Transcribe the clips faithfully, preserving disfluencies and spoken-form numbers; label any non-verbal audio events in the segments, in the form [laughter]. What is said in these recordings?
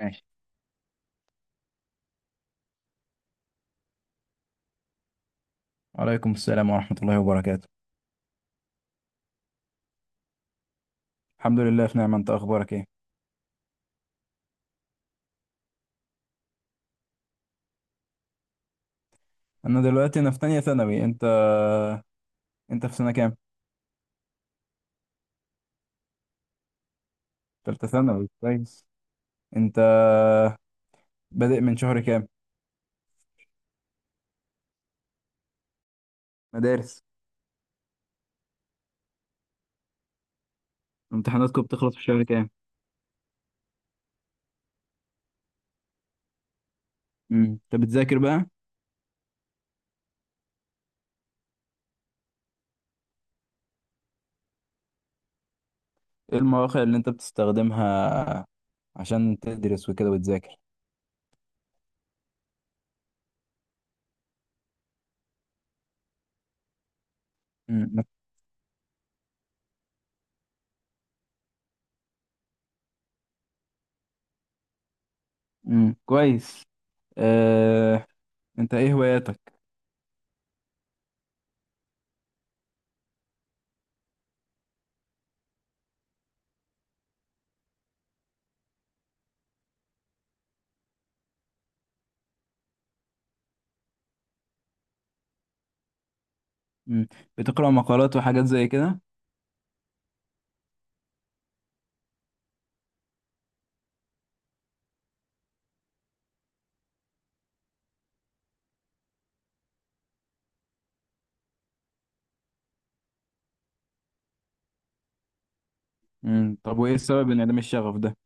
ماشي. وعليكم السلام ورحمة الله وبركاته. الحمد لله في نعمة، انت اخبارك ايه؟ انا دلوقتي انا في تانية ثانوي. انت انت في سنة كام؟ تالتة ثانوي، كويس. انت بادئ من شهر كام؟ مدارس. امتحاناتكم بتخلص في شهر كام؟ امم انت بتذاكر بقى؟ ايه المواقع اللي انت بتستخدمها عشان تدرس وكده وتذاكر؟ امم امم كويس. اه... انت ايه هواياتك؟ امم بتقرأ مقالات وحاجات زي كده؟ امم طب وايه السبب ان عدم الشغف ده؟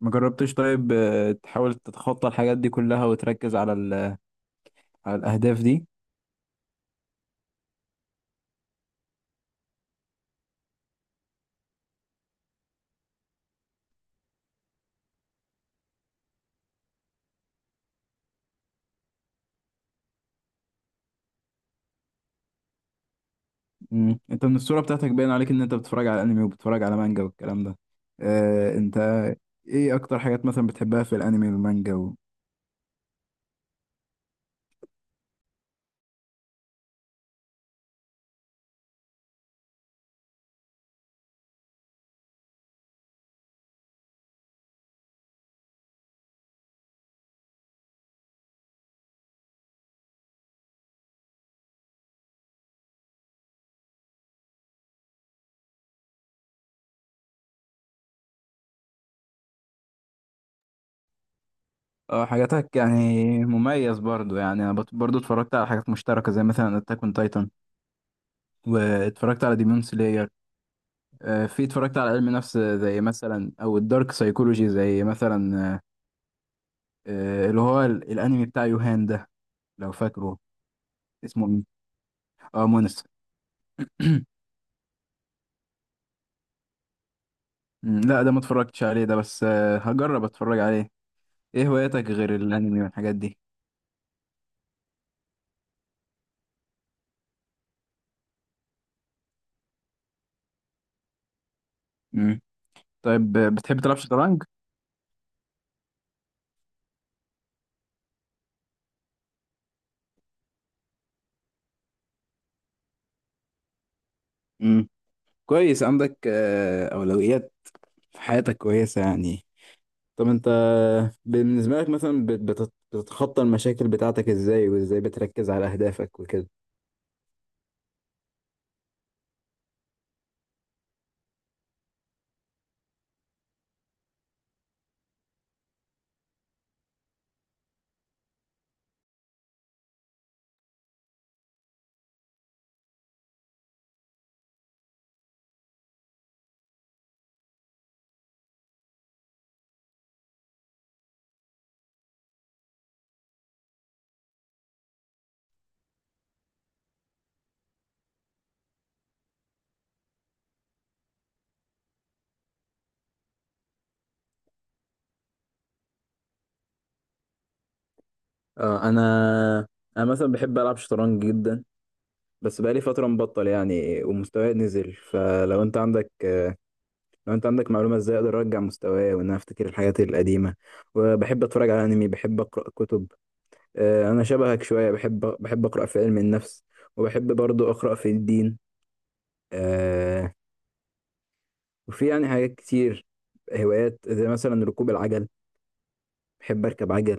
ما جربتش طيب آه، تحاول تتخطى الحاجات دي كلها وتركز على ال... على الأهداف دي؟ مم. انت من الصورة بتاعتك باين عليك ان انت بتتفرج على انمي وبتتفرج على مانجا والكلام ده. اه انت، ايه اكتر حاجات مثلا بتحبها في الانمي والمانجا و... اه، حاجاتك يعني مميز برضو. يعني انا بت- برضو اتفرجت على حاجات مشتركة زي مثلا اتاك اون تايتان، واتفرجت على ديمون سلاير. آه، في اتفرجت على علم نفس زي مثلا او الدارك سايكولوجي زي مثلا، آه، آه، اللي هو ال- الانمي بتاع يوهان ده، لو فاكره. اسمه إيه؟ اه مونس. [clears throat] لا ده ما اتفرجتش عليه ده، بس آه، هجرب اتفرج عليه. ايه هواياتك غير الانمي والحاجات دي؟ امم طيب آه، بتحب تلعب شطرنج؟ امم كويس، عندك آه، اولويات في حياتك كويسه يعني. طب انت بالنسبه لك مثلا بت- بت- بتتخطى المشاكل بتاعتك ازاي، وازاي بتركز على اهدافك وكده؟ اه، انا انا مثلا بحب العب شطرنج جدا، بس بقالي فتره مبطل يعني، ومستواي نزل. فلو انت عندك آه، لو انت عندك معلومه ازاي اقدر ارجع مستواي وان انا افتكر الحاجات القديمه. وبحب اتفرج على انمي، بحب اقرا كتب، آه، انا شبهك شويه، بحب بحب اقرا في علم النفس، وبحب برضو اقرا في الدين، آه، وفي يعني حاجات كتير، هوايات زي مثلا ركوب العجل، بحب اركب عجل.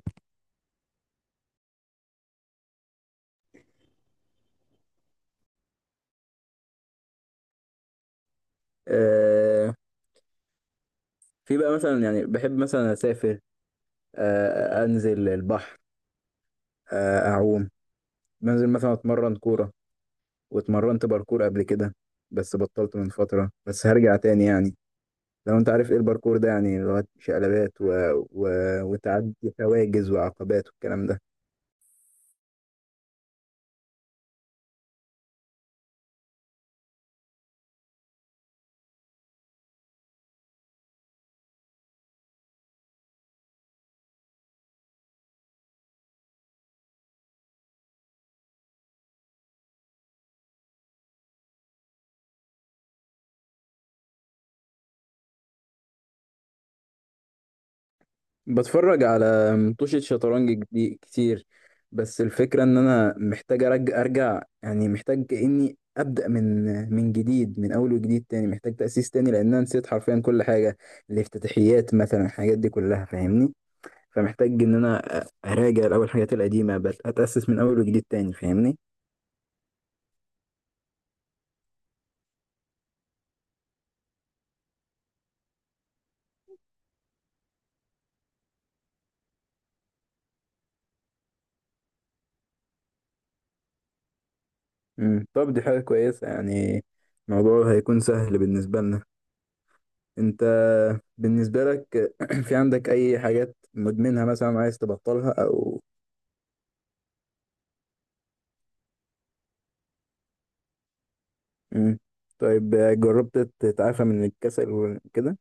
آه، في بقى مثلا يعني بحب مثلا اسافر، آه، انزل البحر، آه، اعوم، بنزل مثلا اتمرن كوره، واتمرنت باركور قبل كده بس بطلت من فتره، بس هرجع تاني يعني. لو انت عارف ايه الباركور ده، يعني لغاية شقلبات و... و... وتعدي حواجز وعقبات والكلام ده. بتفرج على مطوشة شطرنج جدي- كتير، بس الفكرة ان انا محتاج ارجع ارجع، يعني محتاج اني ابدأ من من جديد، من اول وجديد تاني، محتاج تأسيس تاني لان انا نسيت حرفيا كل حاجة، الافتتاحيات مثلا، الحاجات دي كلها، فاهمني؟ فمحتاج ان انا أ- اراجع الاول الحاجات القديمة بس، اتأسس من اول وجديد تاني، فاهمني. مم. طب دي حاجة كويسة يعني، الموضوع هيكون سهل بالنسبة لنا. انت بالنسبة لك [clears throat] في عندك اي حاجات مدمنها مثلا عايز تبطلها او... مم. طيب جربت تتعافى من الكسل وكده؟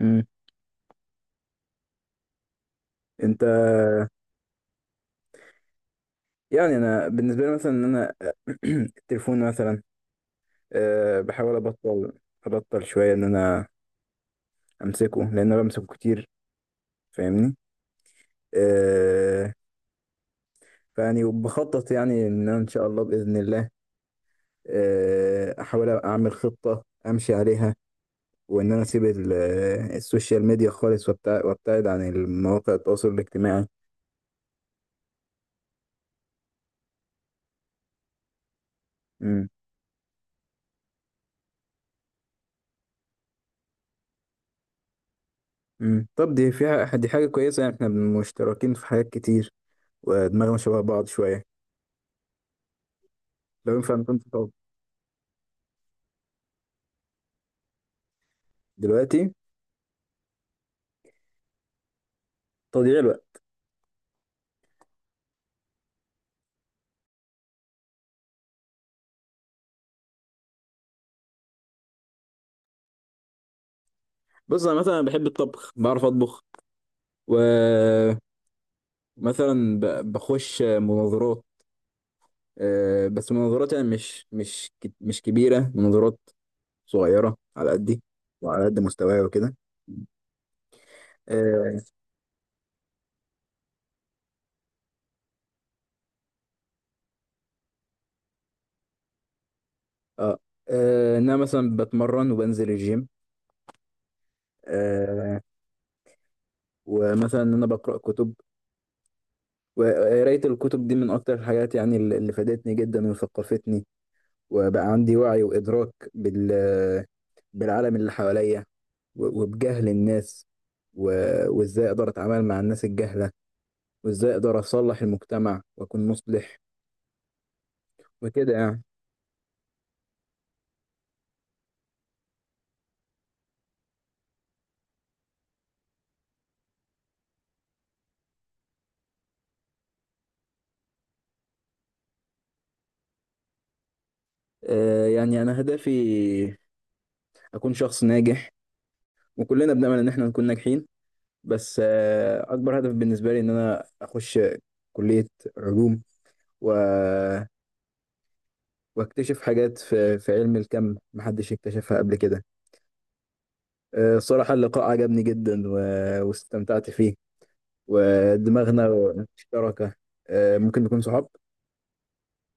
مم. انت يعني، انا بالنسبة لي مثلا، ان انا [clears throat] التليفون مثلا، أه بحاول ابطل، ابطل شوية ان انا امسكه، لان انا بمسكه كتير، فاهمني؟ أه، فيعني وبخطط يعني ان أنا ان شاء الله باذن الله آه، احاول اعمل خطة امشي عليها، وان انا اسيب ال- السوشيال ميديا خالص، وابتع- وابتعد عن المواقع التواصل الاجتماعي. امم امم طب دي فيها، دي حاجة كويسة يعني، احنا مشتركين في حاجات كتير ودماغنا شبه بعض شوية. لو ينفع نكون في طب. دلوقتي تضييع الوقت. بص انا مثلا بحب الطبخ، بعرف اطبخ، ومثلا ب- بخش مناظرات، آه، بس مناظرات يعني مش مش كت- مش كبيرة، مناظرات صغيرة على قدي وعلى قد مستواي وكده. آه آه آه، إن أنا مثلا بتمرن وبنزل الجيم، آه، ومثلا إن أنا بقرأ كتب، وقراية الكتب دي من أكتر الحاجات يعني اللي اللي فادتني جدا وثقفتني، وبقى عندي وعي وإدراك بال بالعالم اللي حواليا، و- وبجهل الناس، و- وإزاي أقدر أتعامل مع الناس الجهلة، وإزاي أقدر أصلح المجتمع وأكون مصلح، وكده يعني. آه، يعني أنا هدفي أكون شخص ناجح، وكلنا بنأمل إن إحنا نكون ناجحين، بس آه، أكبر هدف بالنسبة لي إن أنا أخش كلية علوم و... واكتشف حاجات في... في علم الكم محدش اكتشفها قبل كده. آه، الصراحة اللقاء عجبني جدا و... واستمتعت فيه، ودماغنا مشتركة، آه، ممكن نكون صحاب.